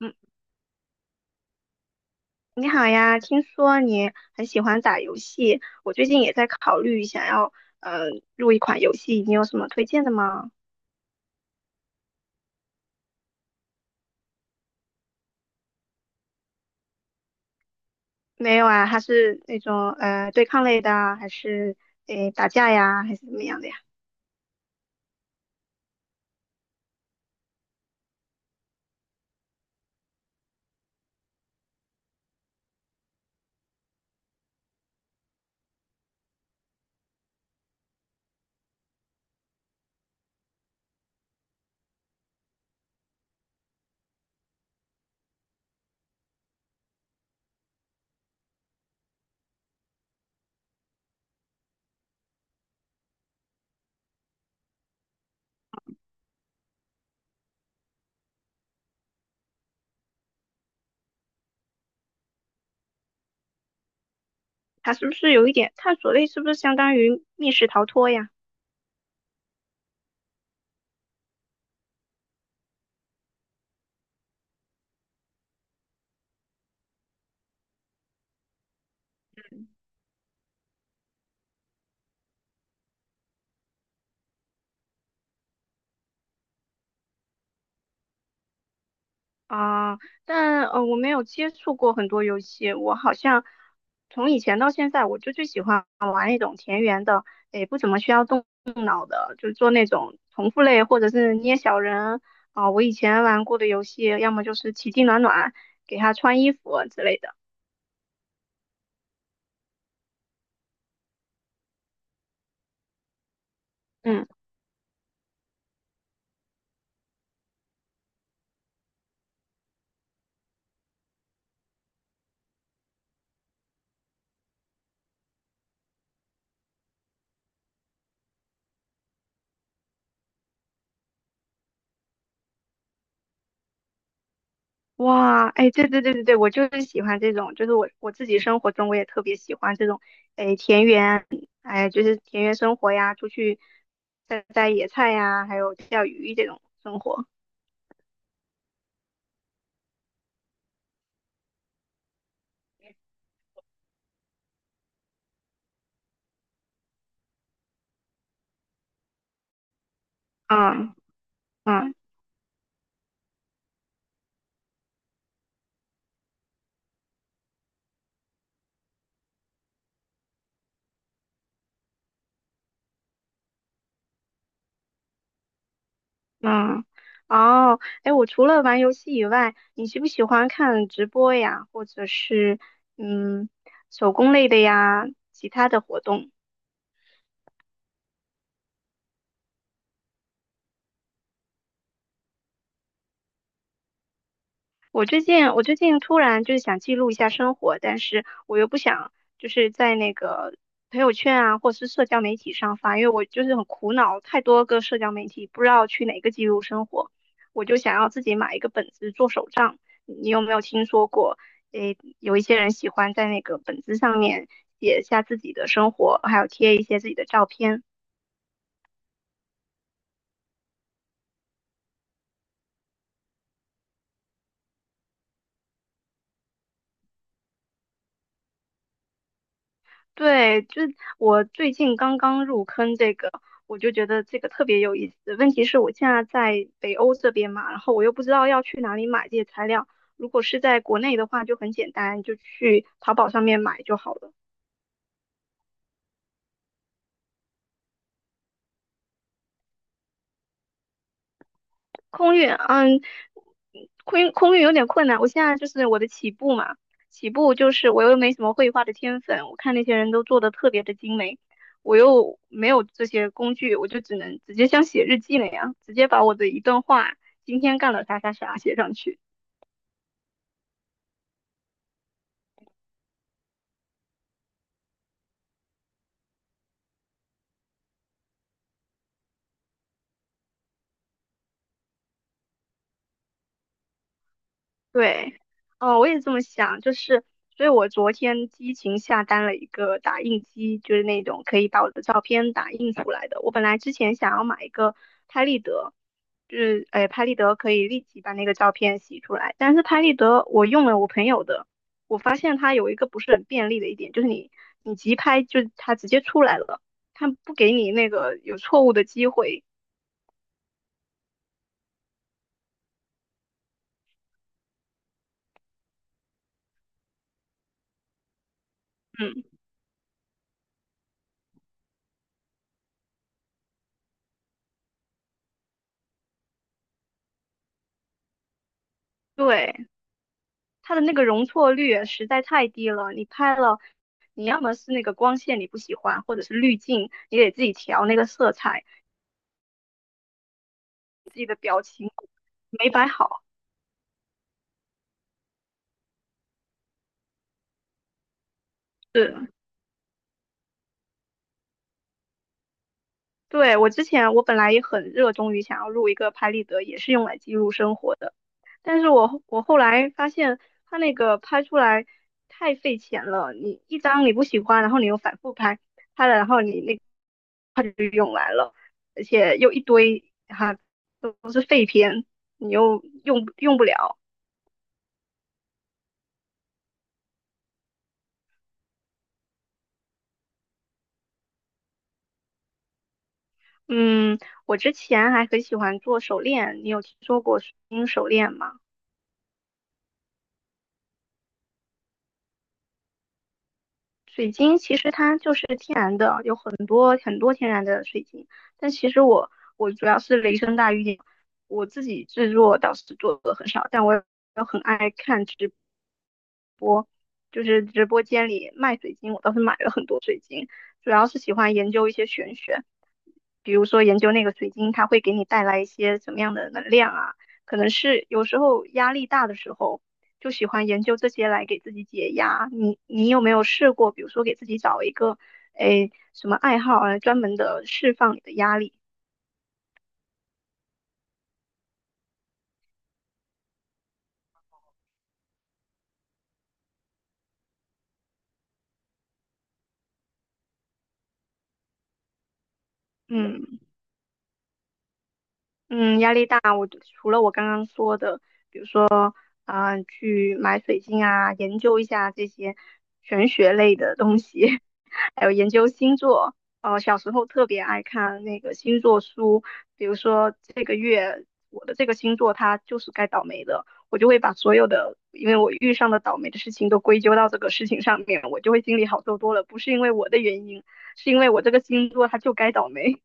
嗯，你好呀，听说你很喜欢打游戏，我最近也在考虑想要呃入一款游戏，你有什么推荐的吗？没有啊，它是那种对抗类的啊，还是诶打架呀，还是怎么样的呀？它是不是有一点探索类？是不是相当于密室逃脱呀？啊，但我没有接触过很多游戏，我好像从以前到现在，我就最喜欢那种田园的，诶，不怎么需要动。好的，就是做那种重复类或者是捏小人啊，我以前玩过的游戏，要么就是奇迹暖暖，给他穿衣服之类的。嗯。哇，哎，对对对对对，我就是喜欢这种，就是我自己生活中我也特别喜欢这种，哎，田园，哎，就是田园生活呀，出去摘摘野菜呀，还有钓鱼这种生活。嗯嗯。嗯。哦，哎，我除了玩游戏以外，你喜不喜欢看直播呀，或者是嗯手工类的呀，其他的活动？我最近突然就是想记录一下生活，但是我又不想就是在那个朋友圈啊，或是社交媒体上发，因为我就是很苦恼，太多个社交媒体不知道去哪个记录生活，我就想要自己买一个本子做手账。你有没有听说过？诶，有一些人喜欢在那个本子上面写下自己的生活，还有贴一些自己的照片。对，就是我最近刚刚入坑这个，我就觉得这个特别有意思。问题是我现在在北欧这边嘛，然后我又不知道要去哪里买这些材料。如果是在国内的话，就很简单，就去淘宝上面买就好了。空运，嗯，空运有点困难。我现在就是我的起步嘛，起步就是我又没什么绘画的天分，我看那些人都做的特别的精美，我又没有这些工具，我就只能直接像写日记那样，直接把我的一段话今天干了啥啥啥写上去。对。哦，我也这么想，就是，所以我昨天激情下单了一个打印机，就是那种可以把我的照片打印出来的。我本来之前想要买一个拍立得，就是，哎，拍立得可以立即把那个照片洗出来，但是拍立得我用了我朋友的，我发现它有一个不是很便利的一点，就是你急拍就它直接出来了，它不给你那个有错误的机会。嗯。对。它的那个容错率实在太低了。你拍了，你要么是那个光线你不喜欢，或者是滤镜，你得自己调那个色彩，自己的表情没摆好。是。对，我之前我本来也很热衷于想要录一个拍立得，也是用来记录生活的，但是我后来发现它那个拍出来太费钱了，你一张你不喜欢，然后你又反复拍，拍了然后你那而且又一堆哈、都是废片，你又用不了。嗯，我之前还很喜欢做手链，你有听说过水晶手链吗？水晶其实它就是天然的，有很多很多天然的水晶，但其实我主要是雷声大雨点，我自己制作倒是做的很少，但我也很爱看直，就是直播间里卖水晶，我倒是买了很多水晶，主要是喜欢研究一些玄学。比如说研究那个水晶，它会给你带来一些什么样的能量啊？可能是有时候压力大的时候，就喜欢研究这些来给自己解压。你有没有试过，比如说给自己找一个，诶，什么爱好啊，专门的释放你的压力？嗯嗯，压力大，我除了我刚刚说的。啊、去买水晶啊，研究一下这些玄学类的东西，还有研究星座。小时候特别爱看那个星座书，比如说这个月我的这个星座它就是该倒霉的，我就会把所有的因为我遇上的倒霉的事情都归咎到这个事情上面，我就会心里好受多了。不是因为我的原因，是因为我这个星座它就该倒霉。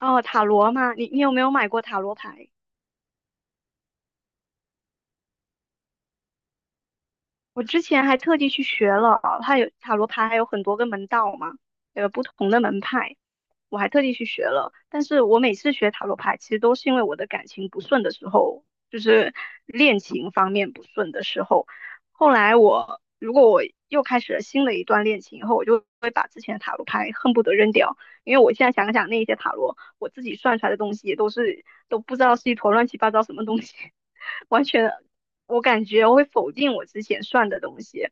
哦，塔罗嘛，你有没有买过塔罗牌？我之前还特地去学了，它有塔罗牌，还有很多个门道嘛，有不同的门派，我还特地去学了。但是我每次学塔罗牌，其实都是因为我的感情不顺的时候，就是恋情方面不顺的时候。后来如果我又开始了新的一段恋情以后，我就会把之前的塔罗牌恨不得扔掉，因为我现在想想那一些塔罗，我自己算出来的东西也都是都不知道是一坨乱七八糟什么东西。完全，我感觉我会否定我之前算的东西。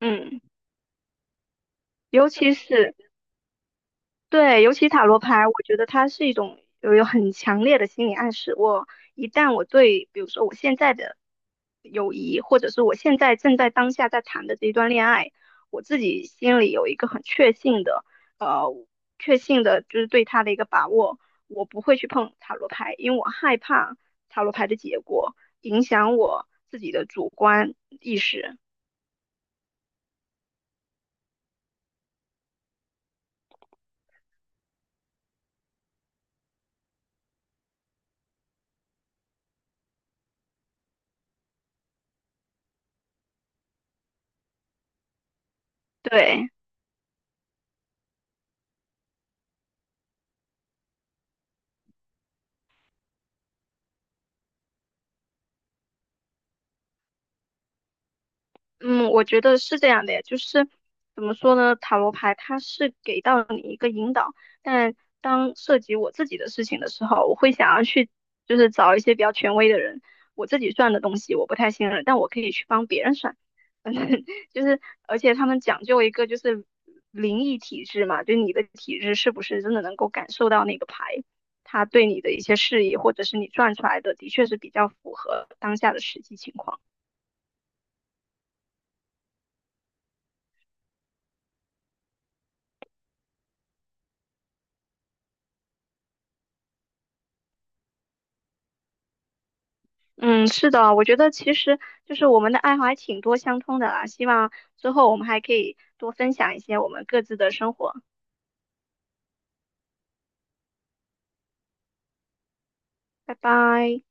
嗯，尤其是对，尤其塔罗牌，我觉得它是一种有很强烈的心理暗示。我一旦我对，比如说我现在的友谊，或者是我现在正在当下在谈的这一段恋爱，我自己心里有一个很确信的，呃，确信的就是对他的一个把握，我不会去碰塔罗牌，因为我害怕塔罗牌的结果影响我自己的主观意识。对，嗯，我觉得是这样的呀，就是怎么说呢，塔罗牌它是给到你一个引导，但当涉及我自己的事情的时候，我会想要去就是找一些比较权威的人，我自己算的东西我不太信任，但我可以去帮别人算，就是而且他们讲究一个就是灵异体质嘛，就你的体质是不是真的能够感受到那个牌，它对你的一些示意，或者是你转出来的的确是比较符合当下的实际情况。嗯，是的，我觉得其实就是我们的爱好还挺多相通的啦。希望之后我们还可以多分享一些我们各自的生活。拜拜。